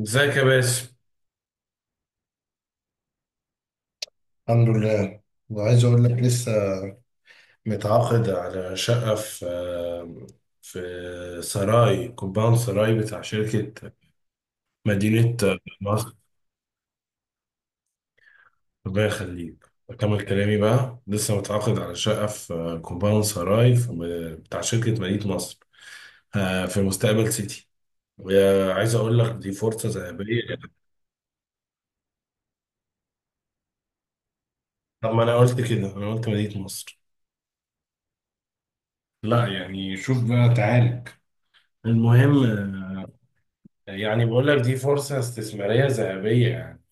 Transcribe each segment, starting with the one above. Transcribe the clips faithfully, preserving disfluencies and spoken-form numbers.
ازيك يا باسم. الحمد لله. وعايز اقول لك لسه متعاقد على شقة في في سراي، كومباوند سراي بتاع شركة مدينة مصر. الله يخليك، أكمل كلامي بقى. لسه متعاقد على شقة في كومباوند سراي، في بتاع شركة مدينة مصر، آه، في مستقبل سيتي. وعايز أقول لك دي فرصة ذهبية. طب ما أنا قلت كده، أنا قلت مدينة مصر. لا يعني شوف بقى تعالج. المهم، يعني بقول لك دي فرصة استثمارية ذهبية يعني.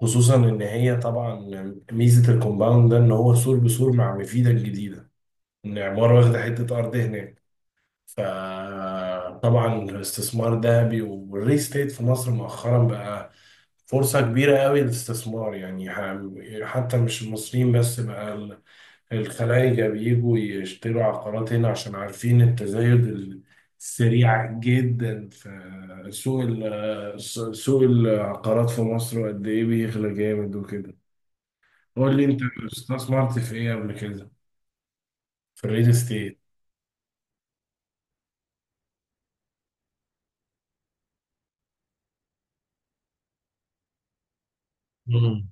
خصوصا ان هي طبعا ميزة الكومباوند ده ان هو سور بسور مع مفيدة الجديدة، ان عمارة واخدة حتة ارض هناك. فطبعا الاستثمار ذهبي، والريل استيت في مصر مؤخرا بقى فرصة كبيرة قوي للاستثمار يعني، ح- حتى مش المصريين بس بقى، الخلايجة بيجوا يشتروا عقارات هنا عشان عارفين التزايد السريع جدا في سوق ال- سوق العقارات في مصر، وقد إيه بيغلى جامد وكده. قول لي أنت، استثمرت في إيه قبل كده؟ في الريل استيت. مم.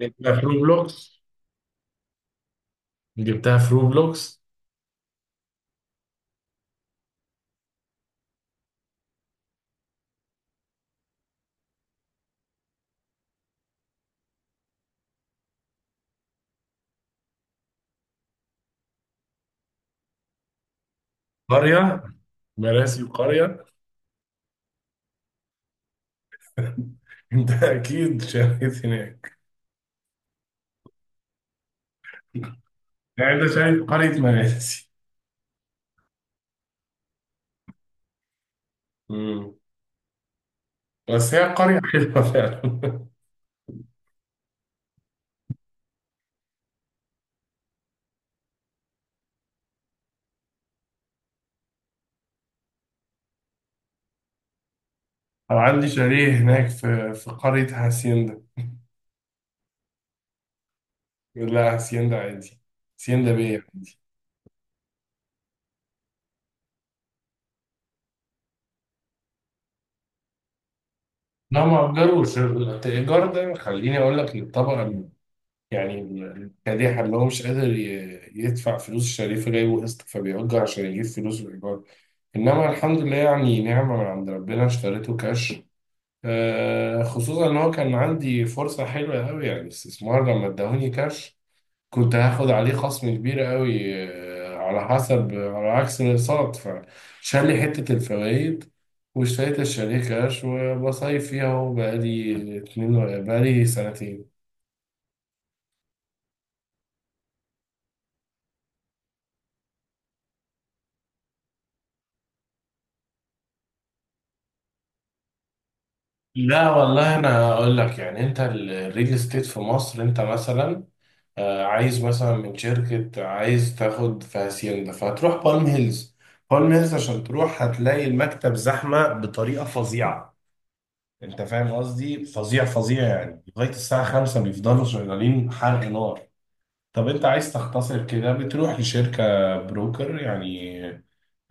جبتها في روبلوكس. جبتها في روبلوكس. قرية مراسي قرية. أنت أكيد شريت هناك. يعني أنت شايف قرية مراسي. مم. بس هي قرية حلوة فعلا. أو عندي شاليه هناك في في قرية هاسيندا. لا، هاسيندا عادي. هاسيندا بيه عادي. لا ما أجروش. الإيجار ده خليني أقول لك للطبقة ال- يعني الكادحة، اللي هو مش قادر ي- يدفع فلوس الشاليه، فجايبه قسط فبيأجر عشان يجيب فلوس الإيجار. إنما الحمد لله، يعني نعمة من عند ربنا، اشتريته كاش. آه، خصوصا إن هو كان عندي فرصة حلوة أوي يعني، استثمار لما اداهوني كاش كنت هاخد عليه خصم كبير قوي، آه، على حسب، على عكس الاقساط، فشال لي حتة الفوائد، واشتريت الشاليه كاش. وبصيف فيها اهو بقالي اتنين و- بقالي سنتين. لا والله، انا اقول لك يعني، انت ال- الريل استيت في مصر، انت مثلا آه، عايز مثلا من شركة، عايز تاخد في هاسيندا، فهتروح بالم هيلز. بالم هيلز عشان تروح هتلاقي المكتب زحمة بطريقة فظيعة، انت فاهم قصدي، فظيع فظيع يعني. لغايه الساعه خمسة بيفضلوا شغالين حرق نار. طب انت عايز تختصر كده، بتروح لشركه بروكر يعني،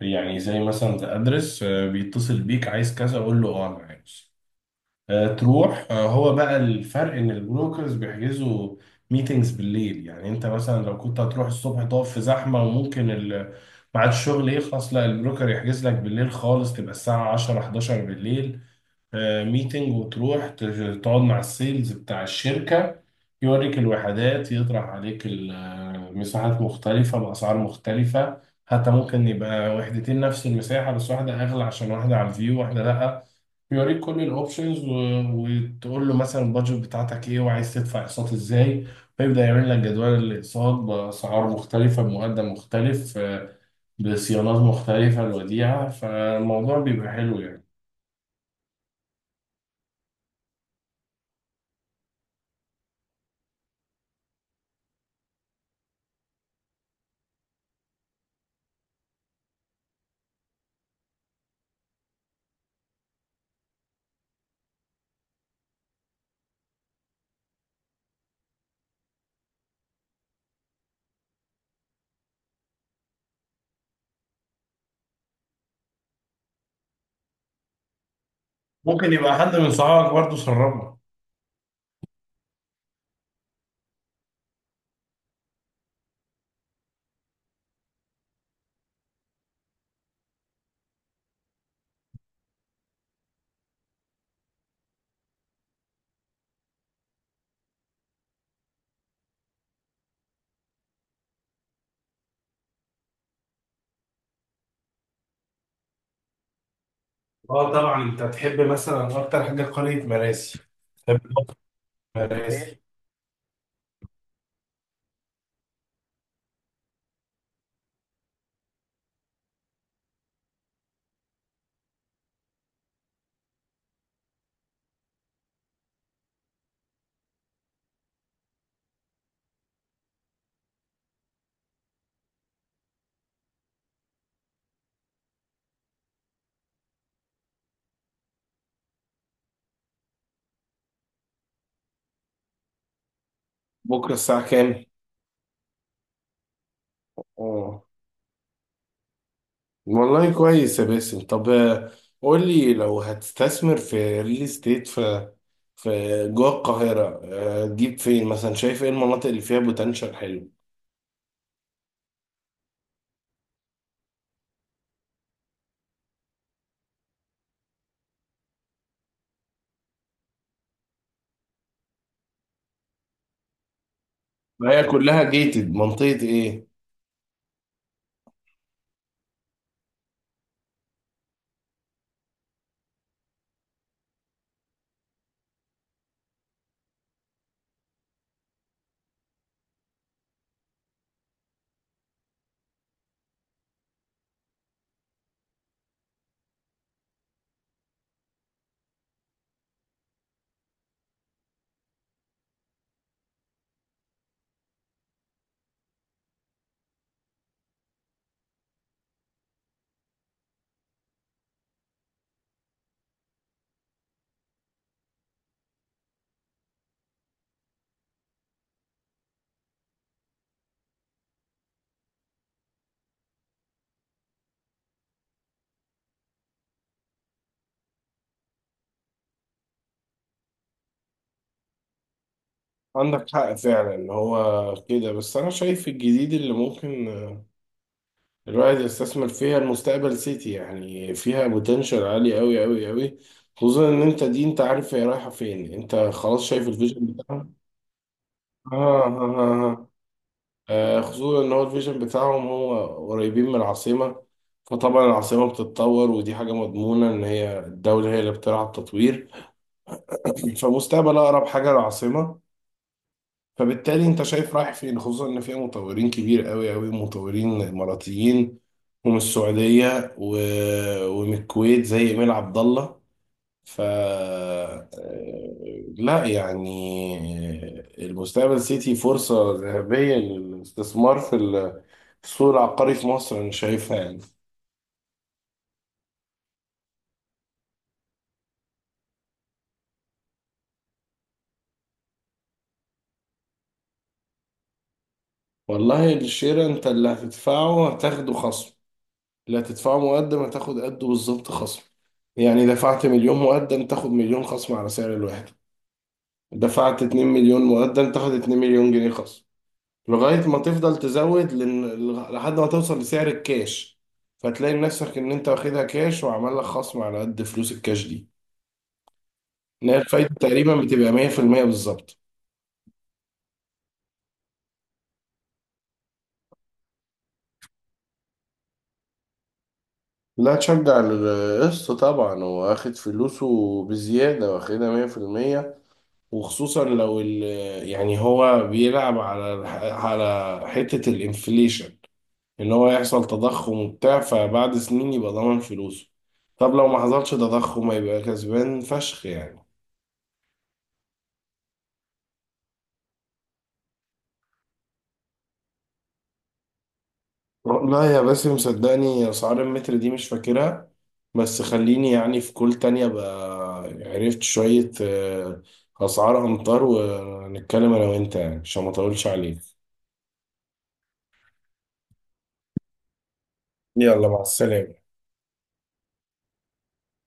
يعني زي مثلا ذا ادرس، بيتصل بيك عايز كذا، قول له اه انا عايز آه، تروح، آه، هو بقى الفرق ان البروكرز بيحجزوا ميتينجز بالليل. يعني انت مثلا لو كنت هتروح الصبح تقف في زحمه، وممكن ال- ميعاد الشغل يخلص. لا، البروكر يحجز لك بالليل خالص، تبقى الساعه عشرة حداشر بالليل ميتنج، وتروح تج- تقعد مع السيلز بتاع الشركة، يوريك الوحدات، يطرح عليك ال- آه، مساحات مختلفة بأسعار مختلفة. حتى ممكن يبقى وحدتين نفس المساحة بس واحدة أغلى عشان واحدة على الفيو واحدة لأ. يوريك كل الاوبشنز، وتقول له مثلا البادجت بتاعتك ايه، وعايز تدفع اقساط ازاي، فيبدأ يعمل لك جدول الاقساط بأسعار مختلفة، بمقدم مختلف، آه، بصيانات مختلفة، الوديعة. فالموضوع بيبقى حلو يعني. ممكن يبقى حد من صحابك برضه سربه. اه طبعا، انت هتحب مثلا اكتر حاجه قريه مراسي. تحب مراسي. بكرة الساعة كام؟ اه، والله كويس يا باسم. طب آه، قول لي، لو هتستثمر في ريل استيت في، في جوه القاهرة، آه، تجيب فين مثلا؟ شايف ايه المناطق اللي فيها بوتنشال حلو؟ ما هي كلها جيتد، منطقة ايه؟ عندك حق فعلا، هو كده. بس انا شايف الجديد اللي ممكن الواحد يستثمر فيها المستقبل سيتي. يعني فيها بوتنشال عالي قوي قوي قوي. خصوصا ان انت دي انت عارف هي رايحه فين، انت خلاص شايف الفيجن بتاعها. آه, آه, آه, آه, آه، خصوصا ان هو الفيجن بتاعهم هو قريبين من العاصمه، فطبعا العاصمه بتتطور، ودي حاجه مضمونه ان هي الدوله هي اللي بتلعب تطوير. فمستقبل اقرب حاجه للعاصمه، فبالتالي انت شايف رايح فين. خصوصا ان فيها مطورين كبير قوي قوي، مطورين اماراتيين، ومن السعوديه و... ومن الكويت زي ايميل عبد الله. ف لا يعني، المستقبل سيتي فرصه ذهبيه للاستثمار في ال- في السوق العقاري في مصر، انا شايفها يعني. والله الشير انت اللي هتدفعه هتاخده خصم. لا، تدفعه مقدم هتاخد قده بالظبط خصم. يعني دفعت مليون مقدم، تاخد مليون خصم على سعر الواحد. دفعت اتنين مليون مقدم، تاخد اتنين مليون جنيه خصم، لغاية ما تفضل تزود، لن... لحد ما توصل لسعر الكاش. فتلاقي نفسك إن أنت واخدها كاش، وعمل لك خصم على قد فلوس الكاش دي، إن هي الفايدة تقريبا بتبقى مية في المية بالظبط. لا، تشجع القسط طبعا، هو واخد فلوسه بزيادة، واخدها مية في المية. وخصوصا لو ال يعني هو بيلعب على الح- على حتة الانفليشن، ان هو يحصل تضخم وبتاع، فبعد سنين يبقى ضامن فلوسه. طب لو ما حصلش تضخم هيبقى كسبان فشخ يعني. لا يا باسم، صدقني اسعار المتر دي مش فاكرها، بس خليني يعني في كل تانية بقى عرفت شوية آه، اسعار امتار، ونتكلم انا وانت، يعني عشان ما اطولش عليك. يلا، مع السلامة.